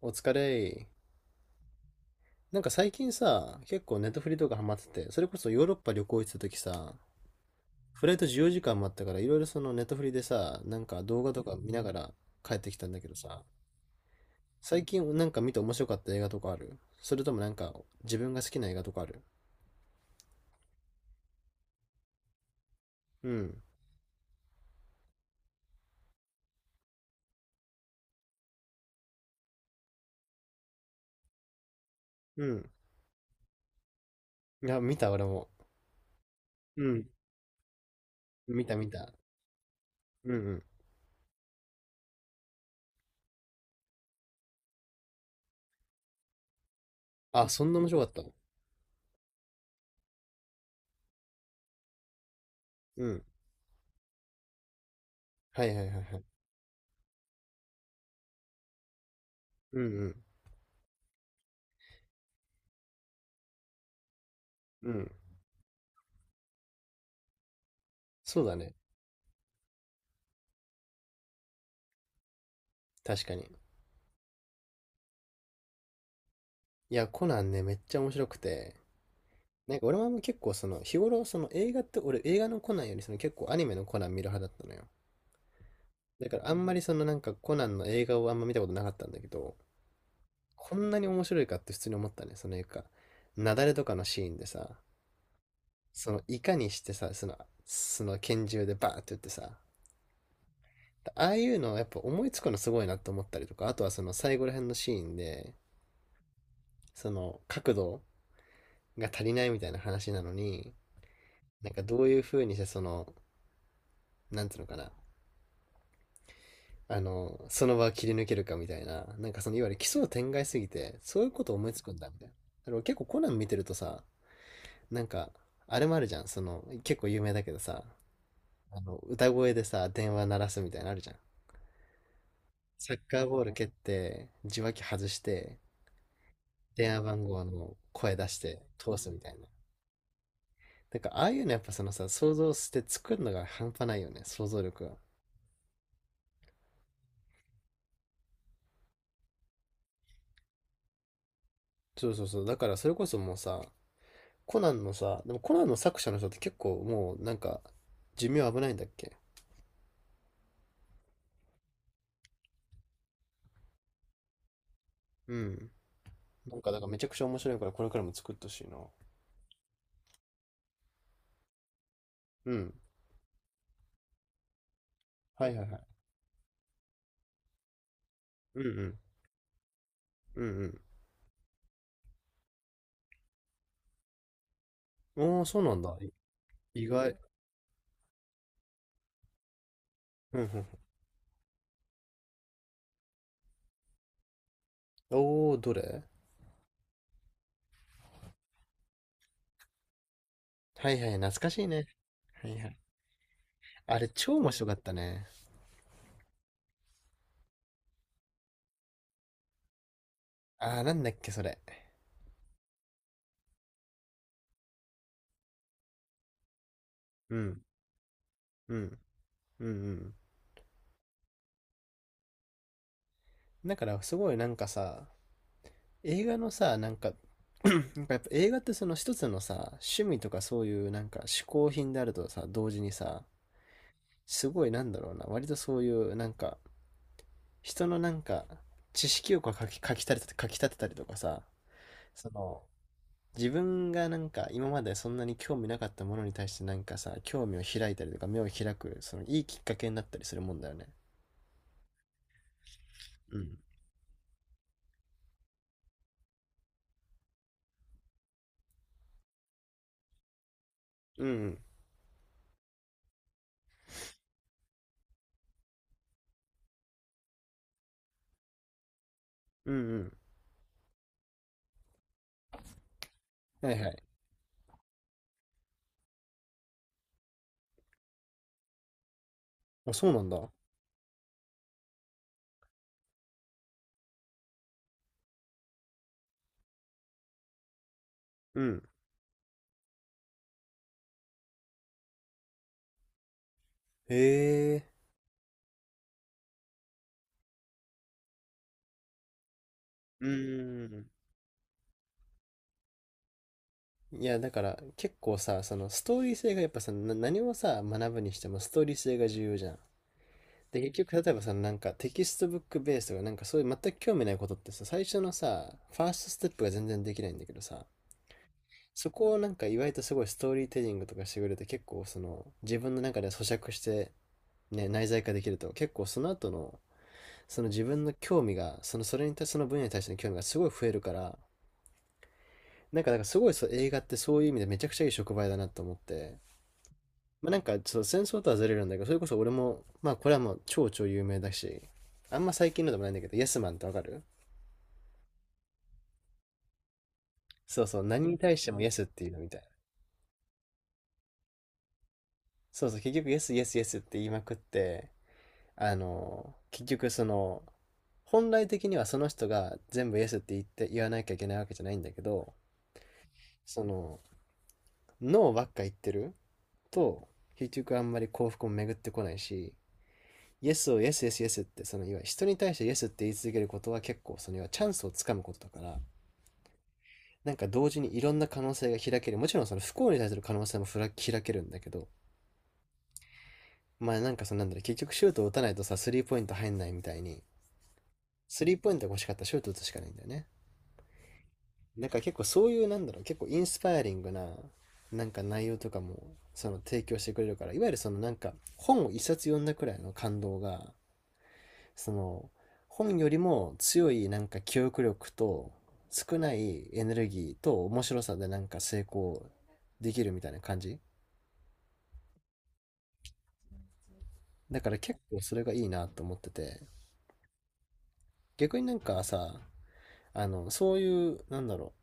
お疲れ。なんか最近さ、結構ネットフリとかハマってて、それこそヨーロッパ旅行行ってた時さ、フライト14時間待ったから、いろいろネットフリでさ、なんか動画とか見ながら帰ってきたんだけどさ、最近なんか見て面白かった映画とかある？それともなんか自分が好きな映画とかある？うん。うん。いや、見た俺も。うん。見た見た。うんうん。あ、そんな面白かったの？うん。はいはいはいはい。うんうん。うん。そうだね。確かに。いや、コナンね、めっちゃ面白くて。なんか俺も結構日頃映画って俺映画のコナンよりその結構アニメのコナン見る派だったのよ。だからあんまりそのなんかコナンの映画をあんま見たことなかったんだけど、こんなに面白いかって普通に思ったね。そのいうか、雪崩とかのシーンでさ、そのいかにしてさ、その拳銃でバーって撃ってさ、ああいうのやっぱ思いつくのすごいなって思ったりとか、あとはその最後ら辺のシーンで、その角度が足りないみたいな話なのに、なんかどういう風にしてその、なんつうのかな、その場を切り抜けるかみたいな、なんかそのいわゆる奇想天外すぎて、そういうこと思いつくんだみたいな。あか結構コナン見てるとさ、なんか、あれもあるじゃん、その、結構有名だけどさ、歌声でさ、電話鳴らすみたいなのあるじゃん。サッカーボール蹴って、受話器外して、電話番号の声出して通すみたいな。なんか、ああいうのやっぱそのさ、想像して作るのが半端ないよね、想像力が。そうそうそう。だからそれこそもうさ、コナンのさ、でもコナンの作者の人って結構もうなんか寿命危ないんだっけ？うん。なんかだからめちゃくちゃ面白いからこれからも作ってほしいな。うん。はいはいはい。うんうん。うんうん。おー、そうなんだ。い意外。うんうん。おー、どれ？はいはい、懐かしいね。はいはい。あれ超面白かったね。あー、なんだっけそれ。うん。うん。うんうん。だからすごいなんかさ、映画のさ、なんか、なんかやっぱ映画ってその一つのさ、趣味とかそういうなんか嗜好品であるとさ、同時にさ、すごいなんだろうな、割とそういうなんか、人のなんか、知識欲をかき立てたりとかさ、その、自分がなんか今までそんなに興味なかったものに対してなんかさ、興味を開いたりとか目を開く、そのいいきっかけになったりするもんだよね。うん。うんうん。うんうん。はいはい。あ、そうなんだ。うん。へえ。うん。いや、だから結構さ、そのストーリー性がやっぱさ、何をさ、学ぶにしてもストーリー性が重要じゃん。で、結局、例えばさ、なんかテキストブックベースとか、なんかそういう全く興味ないことってさ、最初のさ、ファーストステップが全然できないんだけどさ、そこをなんか意外とすごいストーリーテリングとかしてくれて、結構その自分の中で咀嚼して、ね、内在化できると、結構その後の、その自分の興味が、そのそれに対して、その分野に対しての興味がすごい増えるから、なんか、だからすごいそう映画ってそういう意味でめちゃくちゃいい触媒だなと思って、まあ、なんか、そう、戦争とはずれるんだけど、それこそ俺も、まあ、これはもう超有名だし、あんま最近のでもないんだけど、イエスマンってわかる？そうそう、何に対してもイエスっていうのみたいな。そうそう、結局イエスイエスイエスって言いまくって、結局その、本来的にはその人が全部イエスって言って言わなきゃいけないわけじゃないんだけど、その、ノーばっか言ってると、結局あんまり幸福も巡ってこないし、イエスをイエスイエスイエスってそのいわゆる人に対してイエスって言い続けることは結構そのいわゆるチャンスをつかむことだから、なんか同時にいろんな可能性が開ける。もちろんその不幸に対する可能性も開けるんだけど、まあなんかそのなんだろう、結局シュートを打たないとさ、スリーポイント入んないみたいに、スリーポイントが欲しかったらシュート打つしかないんだよね。なんか結構そういうなんだろう、結構インスパイアリングななんか内容とかもその提供してくれるから、いわゆるそのなんか本を一冊読んだくらいの感動が、その本よりも強いなんか記憶力と少ないエネルギーと面白さでなんか成功できるみたいな感じ。だから結構それがいいなと思ってて、逆になんかさ、あのそういうなんだろ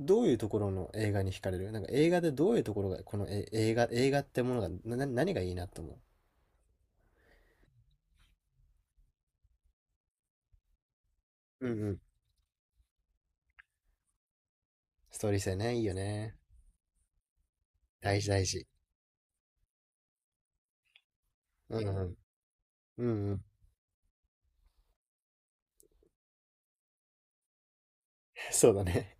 う、どういうところの映画に惹かれる？なんか映画でどういうところがこの映画ってものが何がいいなと思う？うんうん。ストーリー性ねいいよね。大事大事。うんうんうんうん。 そうだね。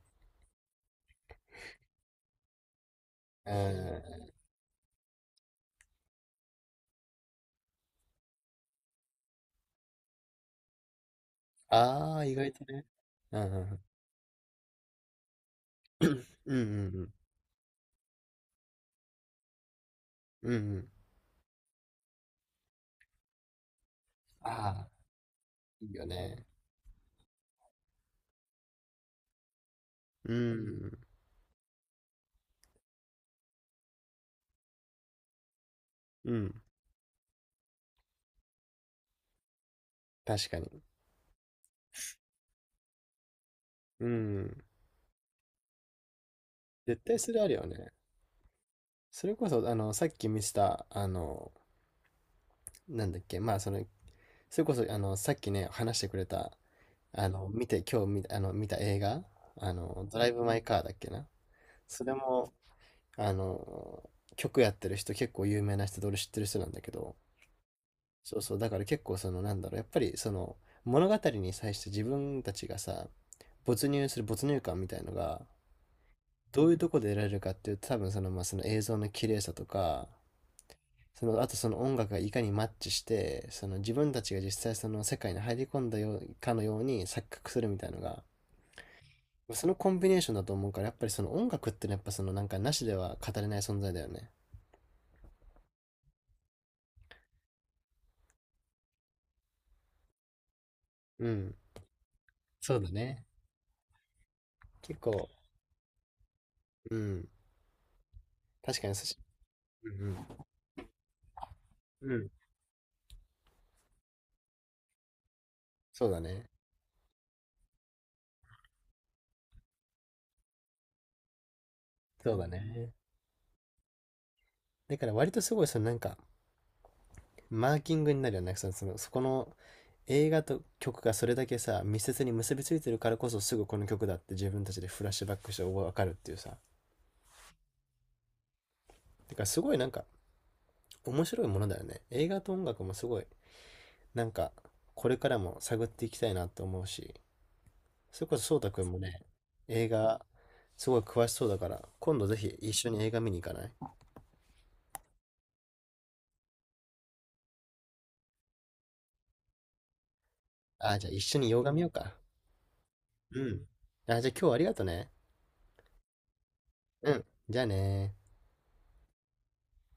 うん。ああー意外とね。うんうんうんうんうん。うんうん。ああ、いいよね。うん。うん。確かに。うん。絶対それあるよね。それこそ、さっき見せた、あの、なんだっけ、まあ、その、それこそ、あの、さっきね、話してくれた、あの、今日見た、見た映画、あの、ドライブ・マイ・カーだっけな。それも、あの、曲やってる人、結構有名な人で、俺知ってる人なんだけど、そうそう、だから結構そのなんだろう、やっぱりその物語に際して自分たちがさ、没入感みたいのが、どういうとこで得られるかっていうと、多分その、まあ、その映像の綺麗さとか、その、あとその音楽がいかにマッチして、その自分たちが実際その世界に入り込んだようかのように錯覚するみたいのが、そのコンビネーションだと思うから、やっぱりその音楽ってのはやっぱそのなんかなしでは語れない存在だよね。うん。そうだね。結構、うん。確かにうんうん。うん。そうだね。そうだね。だから割とすごいそのなんかマーキングになるよね。そのそこの映画と曲がそれだけさ密接に結びついてるからこそすぐこの曲だって自分たちでフラッシュバックして分かるっていうさ。だからすごいなんか面白いものだよね。映画と音楽もすごいなんかこれからも探っていきたいなと思うし、それこそ颯太くんもね、映画すごい詳しそうだから今度ぜひ一緒に映画見に行かない？あ、じゃあ一緒に洋画見ようか。うん。あ、じゃあ今日はありがとね。うん。じゃあねー